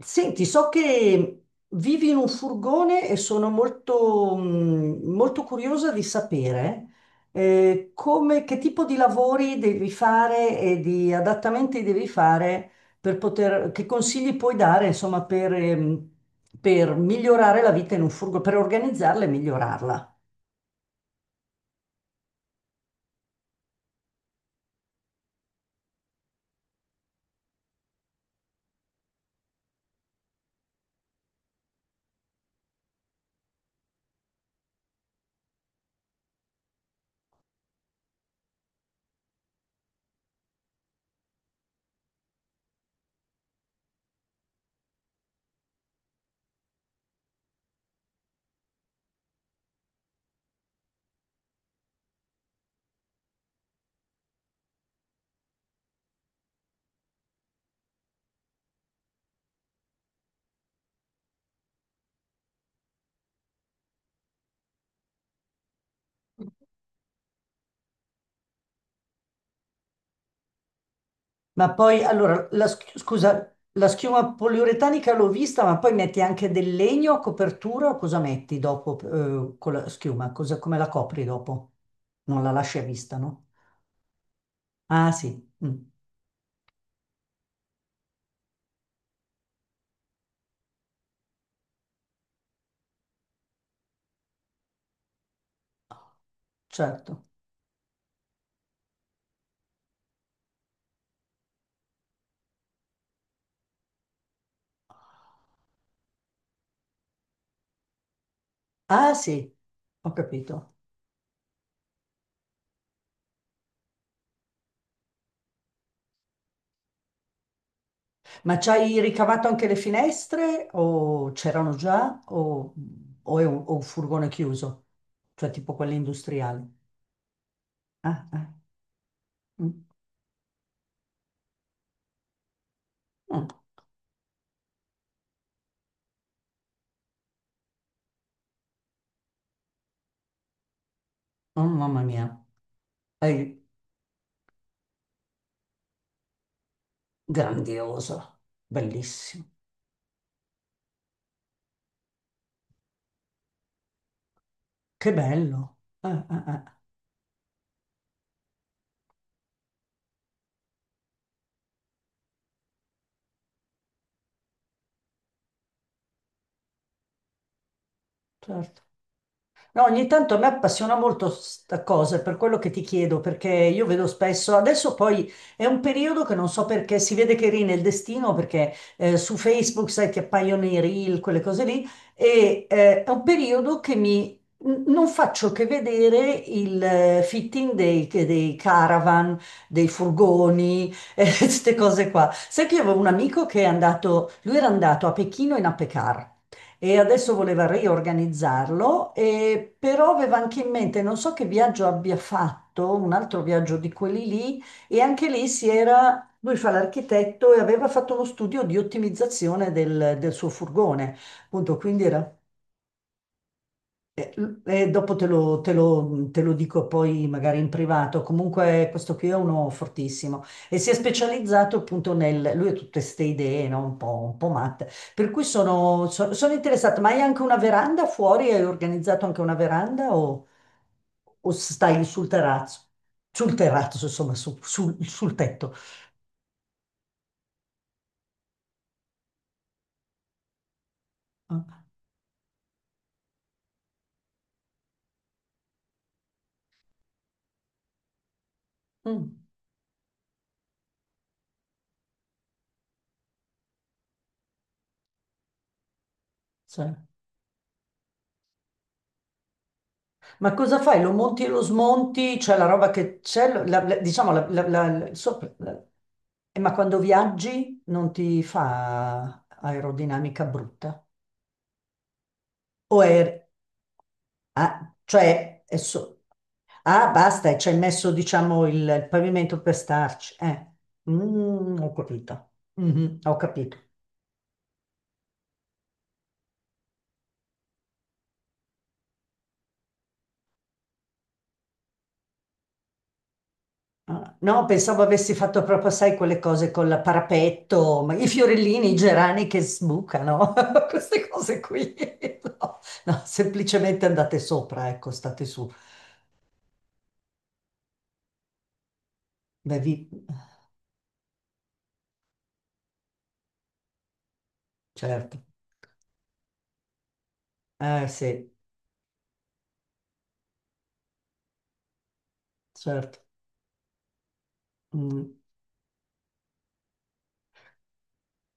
Senti, so che vivi in un furgone e sono molto, molto curiosa di sapere come, che tipo di lavori devi fare e di adattamenti devi fare per poter, che consigli puoi dare, insomma, per migliorare la vita in un furgone, per organizzarla e migliorarla. Ma poi, allora, la, scusa, la schiuma poliuretanica l'ho vista, ma poi metti anche del legno a copertura o cosa metti dopo con la schiuma? Come la copri dopo? Non la lasci a vista, no? Ah sì, mm, certo. Ah sì, ho capito. Ma ci hai ricavato anche le finestre o c'erano già o è un, o un furgone chiuso? Cioè tipo quelli industriali? Ah, ah, mm, mm, oh, mamma mia. Hai- Grandioso, bellissimo, che bello. Certo. No, ogni tanto a me appassiona molto sta cosa, per quello che ti chiedo, perché io vedo spesso, adesso poi è un periodo che non so perché si vede che rina il destino, perché su Facebook, sai, ti appaiono i reel, quelle cose lì, e è un periodo che mi... Non faccio che vedere il fitting dei, dei caravan, dei furgoni, queste cose qua. Sai che io avevo un amico che è andato, lui era andato a Pechino in Apecar e adesso voleva riorganizzarlo, e però aveva anche in mente, non so che viaggio abbia fatto, un altro viaggio di quelli lì, e anche lì si era, lui fa l'architetto e aveva fatto uno studio di ottimizzazione del, del suo furgone, appunto, quindi era eh, dopo te lo, te lo dico poi magari in privato, comunque questo qui è uno fortissimo e si è specializzato appunto nel, lui ha tutte queste idee, no? Un po' matte, per cui sono, sono interessata, ma hai anche una veranda fuori? Hai organizzato anche una veranda o stai sul terrazzo? Sul terrazzo, insomma, sul, sul tetto. Ah, mm, sì. Ma cosa fai? Lo monti e lo smonti? Cioè la roba che c'è, diciamo, ma quando viaggi non ti fa aerodinamica brutta? O è... ah, cioè, ah, basta, e ci hai messo, diciamo, il pavimento per starci. Mm, ho capito. Mhm, ho capito. Ah, no, pensavo avessi fatto proprio, sai, quelle cose con il parapetto, ma i fiorellini, i gerani che sbucano, queste cose qui. No, no, semplicemente andate sopra, ecco, state su. Beh, vi- certo. Eh sì, certo. Mm.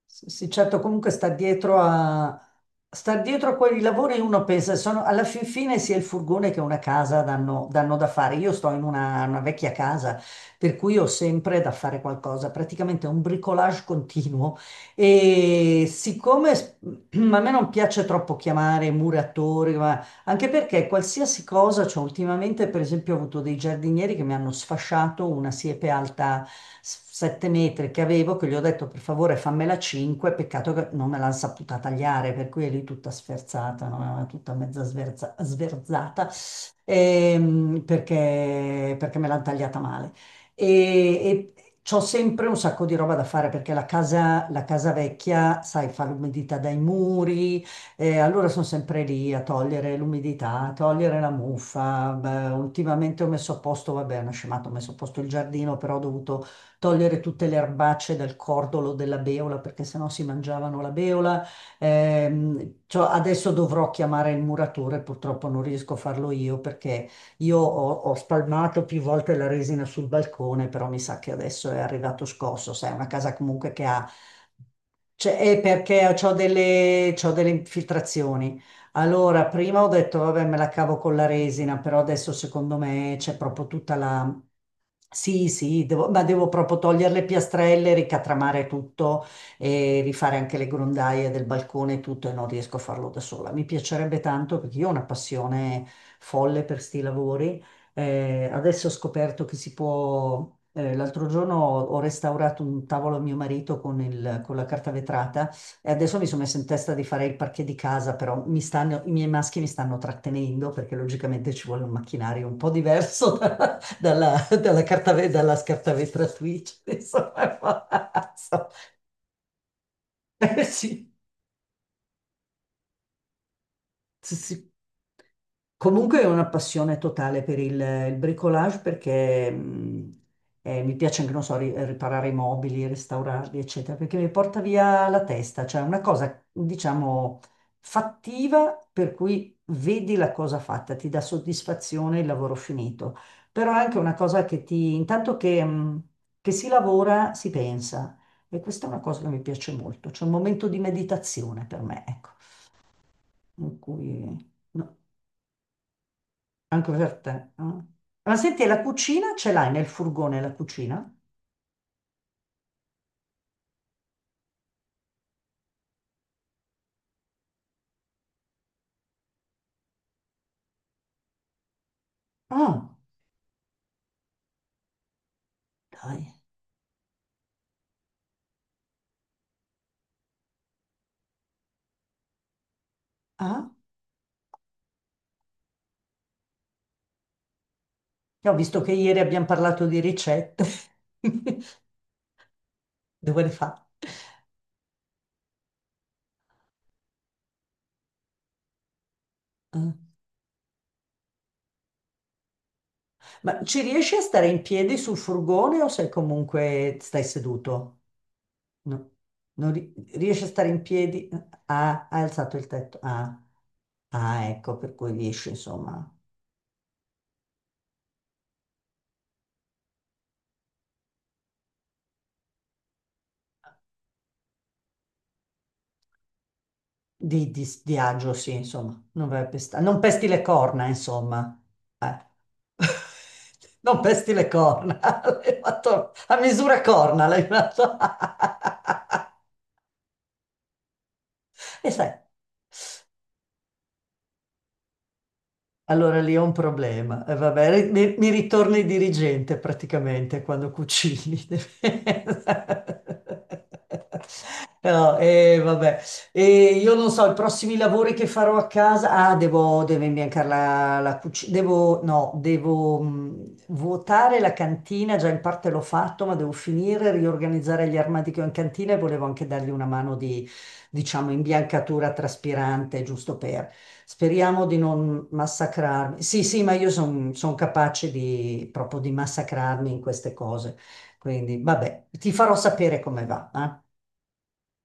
Sì, sì, certo, comunque sta dietro a quei lavori uno pensa, sono, alla fin fine sia il furgone che una casa danno, danno da fare. Io sto in una vecchia casa, per cui ho sempre da fare qualcosa, praticamente un bricolage continuo. E siccome a me non piace troppo chiamare muratori, anche perché qualsiasi cosa, cioè ultimamente per esempio ho avuto dei giardinieri che mi hanno sfasciato una siepe alta 7 metri che avevo, che gli ho detto per favore fammela 5, peccato che non me l'hanno saputa tagliare, per cui è lì tutta sferzata, no? È tutta mezza sverzata, perché, perché me l'hanno tagliata male. E c'ho sempre un sacco di roba da fare perché la casa vecchia, sai, fa l'umidità dai muri e allora sono sempre lì a togliere l'umidità, a togliere la muffa. Beh, ultimamente ho messo a posto, vabbè, è una scemata, ho messo a posto il giardino, però ho dovuto togliere tutte le erbacce dal cordolo della beola perché sennò si mangiavano la beola. Cioè, adesso dovrò chiamare il muratore, purtroppo non riesco a farlo io perché io ho, ho spalmato più volte la resina sul balcone, però mi sa che adesso è arrivato scosso, sai, è una casa comunque che ha cioè, è perché ho delle, c'ho delle infiltrazioni. Allora, prima ho detto, vabbè, me la cavo con la resina, però adesso secondo me c'è proprio tutta la... Sì, sì, ma devo proprio togliere le piastrelle, ricatramare tutto e rifare anche le grondaie del balcone e tutto e non riesco a farlo da sola. Mi piacerebbe tanto perché io ho una passione folle per sti lavori adesso ho scoperto che si può, l'altro giorno ho, ho restaurato un tavolo a mio marito con, con la carta vetrata e adesso mi sono messa in testa di fare il parquet di casa, però i miei maschi mi stanno trattenendo perché logicamente ci vuole un macchinario un po' diverso dalla, dalla carta, dalla scarta vetratrice. Insomma, so- sì, sì, sì. Comunque è una passione totale per il bricolage perché mi piace anche, non so, riparare i mobili, restaurarli, eccetera, perché mi porta via la testa, cioè una cosa, diciamo, fattiva per cui vedi la cosa fatta, ti dà soddisfazione il lavoro finito, però è anche una cosa che ti, intanto che si lavora, si pensa e questa è una cosa che mi piace molto, c'è un momento di meditazione per me, ecco, in cui... no. Anche per te. Ah. Ma senti, la cucina ce l'hai nel furgone, la cucina? Ah, dai. Ah, ho visto che ieri abbiamo parlato di ricette. Dove le fa? Ah. Ma ci riesci a stare in piedi sul furgone o sei comunque stai seduto? No. Non ri- riesci a stare in piedi? Ah, hai alzato il tetto. Ah, ah, ecco, per cui riesci, insomma. Di agio, sì, insomma, non vai a pesta- non pesti le corna, insomma. Eh. Non pesti le corna, l'hai fatto a misura corna, l'hai fatto. E sai. Allora lì è un problema. E vabbè, mi, mi ritorna il dirigente praticamente quando cucini. No, e vabbè. E io non so, i prossimi lavori che farò a casa. Ah, devo, devo imbiancare la, la cucina. Devo, no, devo vuotare la cantina. Già in parte l'ho fatto, ma devo finire, riorganizzare gli armadi che ho in cantina e volevo anche dargli una mano di, diciamo, imbiancatura traspirante, giusto per. Speriamo di non massacrarmi. Sì, sì, ma io sono capace di, proprio di massacrarmi in queste cose. Quindi, vabbè, ti farò sapere come va. Eh.